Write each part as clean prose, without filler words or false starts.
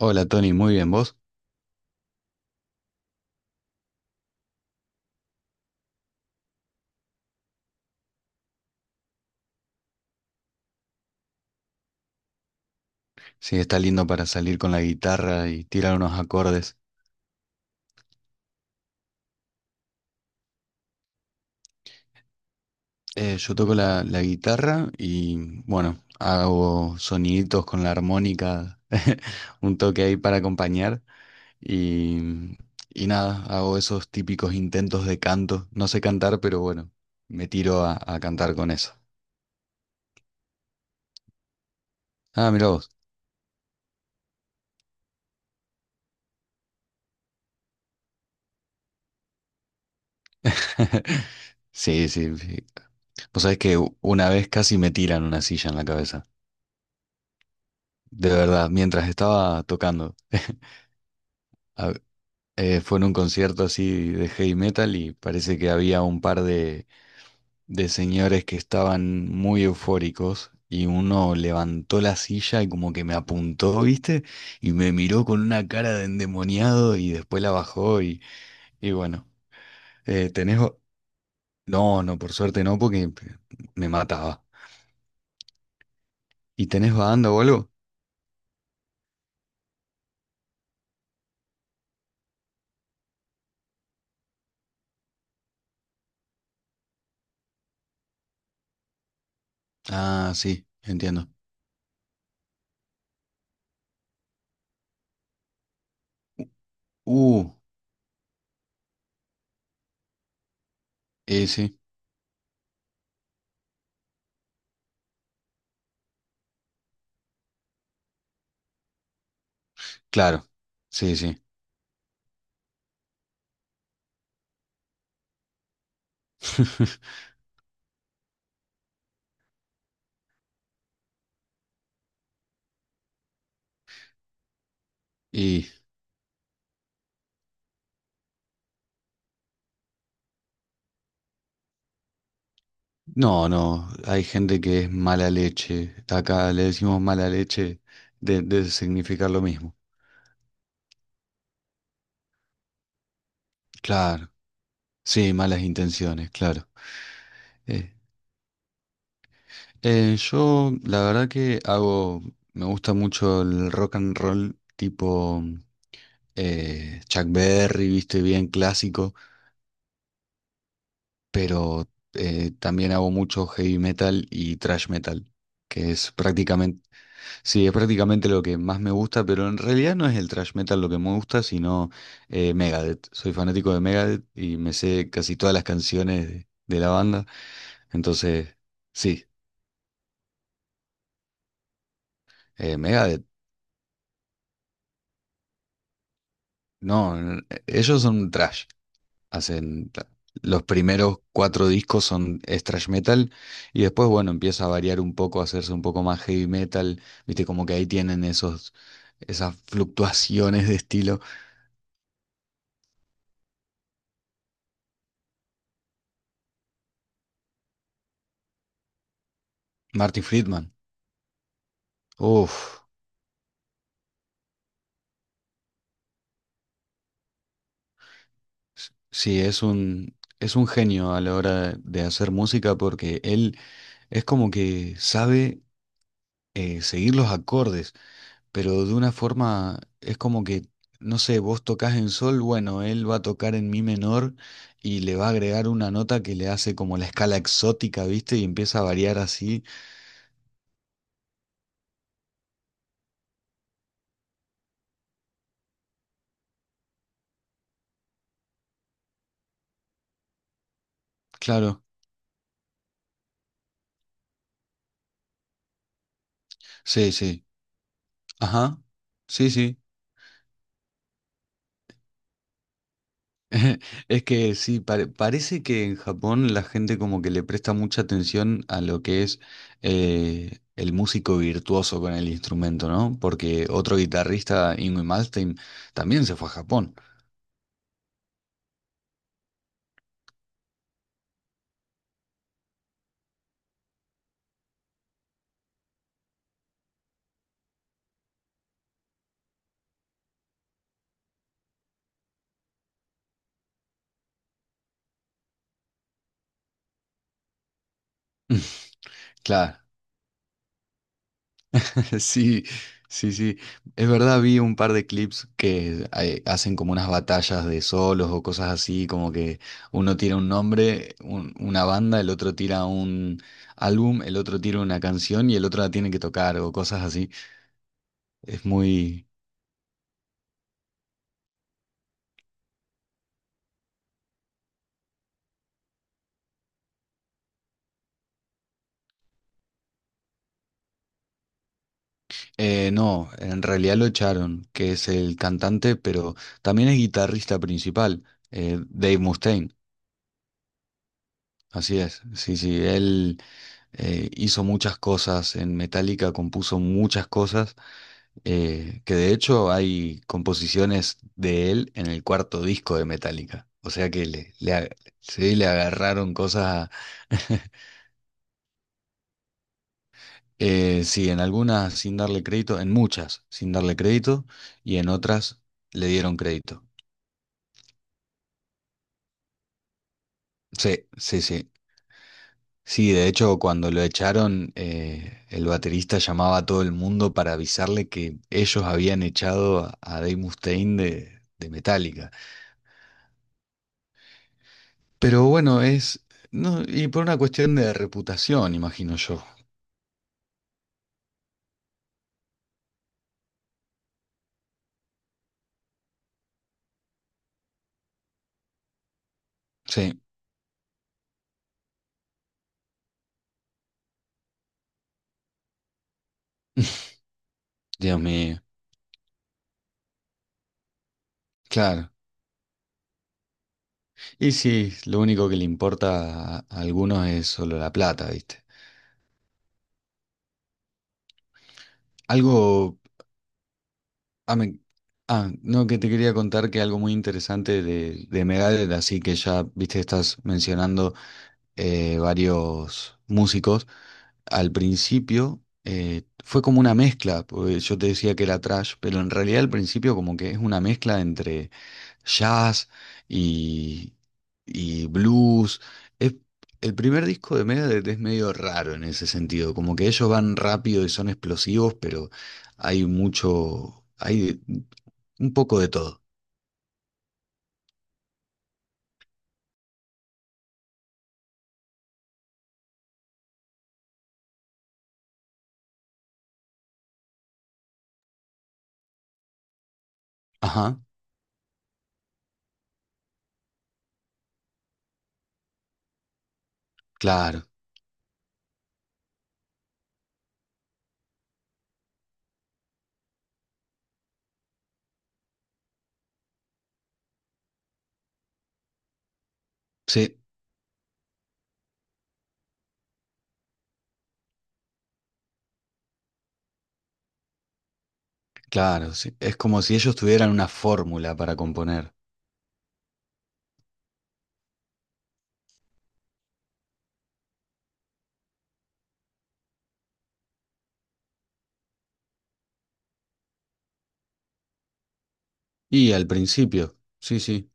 Hola Tony, muy bien, ¿vos? Sí, está lindo para salir con la guitarra y tirar unos acordes. Yo toco la guitarra y bueno, hago soniditos con la armónica, un toque ahí para acompañar y, y nada, hago esos típicos intentos de canto. No sé cantar, pero bueno, me tiro a cantar con eso. Ah, mira vos. Sí, sí, sí. Vos sabés que una vez casi me tiran una silla en la cabeza. De verdad, mientras estaba tocando. Fue en un concierto así de heavy metal y parece que había un par de señores que estaban muy eufóricos y uno levantó la silla y como que me apuntó, ¿viste? Y me miró con una cara de endemoniado y después la bajó y bueno. Eh, ¿tenés... ba- No, no, por suerte no, porque me mataba. ¿Y tenés banda o algo? Ah, sí, entiendo. Uh, sí, claro, sí, sí. y No, no, hay gente que es mala leche. Acá le decimos mala leche de significar lo mismo. Claro, sí, malas intenciones, claro. Eh, yo la verdad que hago, me gusta mucho el rock and roll tipo Chuck Berry, viste, bien clásico, pero también hago mucho heavy metal y thrash metal, que es prácticamente sí, es prácticamente lo que más me gusta, pero en realidad no es el thrash metal lo que me gusta, sino Megadeth. Soy fanático de Megadeth y me sé casi todas las canciones de la banda. Entonces, sí, Megadeth, no, ellos son thrash. Hacen ta- los primeros cuatro discos son es thrash metal y después, bueno, empieza a variar un poco, a hacerse un poco más heavy metal. Viste, como que ahí tienen esos, esas fluctuaciones de estilo. Martin Friedman, uff. Sí, es un genio a la hora de hacer música, porque él es como que sabe seguir los acordes, pero de una forma es como que, no sé, vos tocas en sol, bueno, él va a tocar en mi menor y le va a agregar una nota que le hace como la escala exótica, ¿viste? Y empieza a variar así. Claro, sí, sí. Ajá. Sí, sí. Es que sí, parece que en Japón la gente como que le presta mucha atención a lo que es el músico virtuoso con el instrumento, ¿no? Porque otro guitarrista, Ingwe Malmsteen, también se fue a Japón. Claro, sí, sí, sí. Es verdad, vi un par de clips que hacen como unas batallas de solos o cosas así, como que uno tira un nombre, una banda, el otro tira un álbum, el otro tira una canción y el otro la tiene que tocar o cosas así. Es muy... No, en realidad lo echaron, que es el cantante, pero también es guitarrista principal, Dave Mustaine. Así es, sí, sí, él hizo muchas cosas en Metallica, compuso muchas cosas, que de hecho hay composiciones de él en el cuarto disco de Metallica. O sea que sí, le agarraron cosas. Sí, en algunas sin darle crédito, en muchas sin darle crédito y en otras le dieron crédito. Sí, sí, sí. Sí, de hecho, cuando lo echaron, el baterista llamaba a todo el mundo para avisarle que ellos habían echado a Dave Mustaine de Metallica. Pero bueno, es... No, y por una cuestión de reputación, imagino yo. Sí. Dios mío, claro. Y sí, lo único que le importa a algunos es solo la plata, ¿viste? Algo Ah, no, que te quería contar que algo muy interesante de Megadeth, así que ya, viste, estás mencionando varios músicos. Al principio fue como una mezcla, porque yo te decía que era trash, pero en realidad al principio como que es una mezcla entre jazz y, y blues. Es, el primer disco de Megadeth es medio raro en ese sentido, como que ellos van rápido y son explosivos, pero hay un poco de todo. Ajá, claro, sí, claro, sí. Es como si ellos tuvieran una fórmula para componer. Y al principio, sí, sí.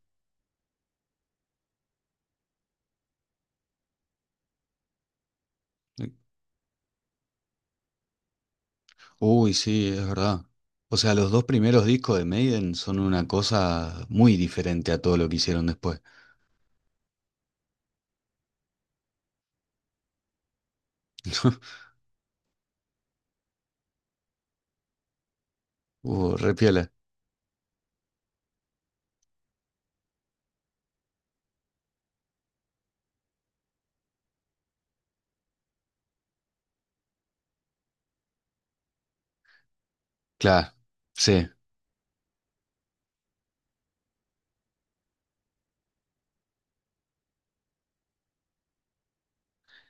Uy, sí, es verdad. O sea, los dos primeros discos de Maiden son una cosa muy diferente a todo lo que hicieron después. Re Claro, sí,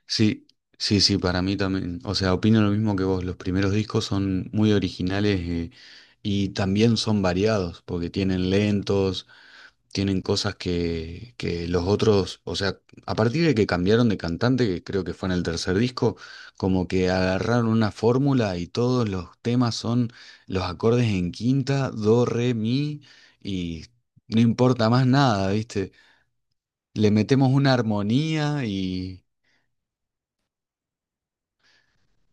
sí, sí, sí, para mí también. O sea, opino lo mismo que vos. Los primeros discos son muy originales y también son variados, porque tienen lentos, tienen cosas que los otros, o sea, a partir de que cambiaron de cantante, que creo que fue en el tercer disco, como que agarraron una fórmula y todos los temas son los acordes en quinta, do, re, mi, y no importa más nada, ¿viste? Le metemos una armonía y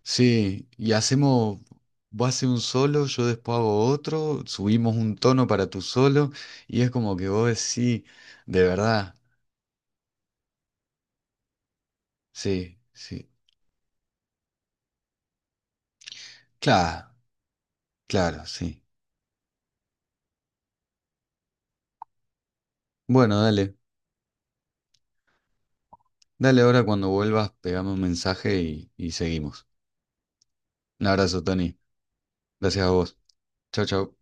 sí, y hacemos, vos haces un solo, yo después hago otro, subimos un tono para tu solo y es como que vos decís, de verdad, sí, sí, claro, claro, sí. Bueno, dale, dale ahora cuando vuelvas, pegame un mensaje y seguimos. Un abrazo, Tony. Gracias a vos. Chau, chau.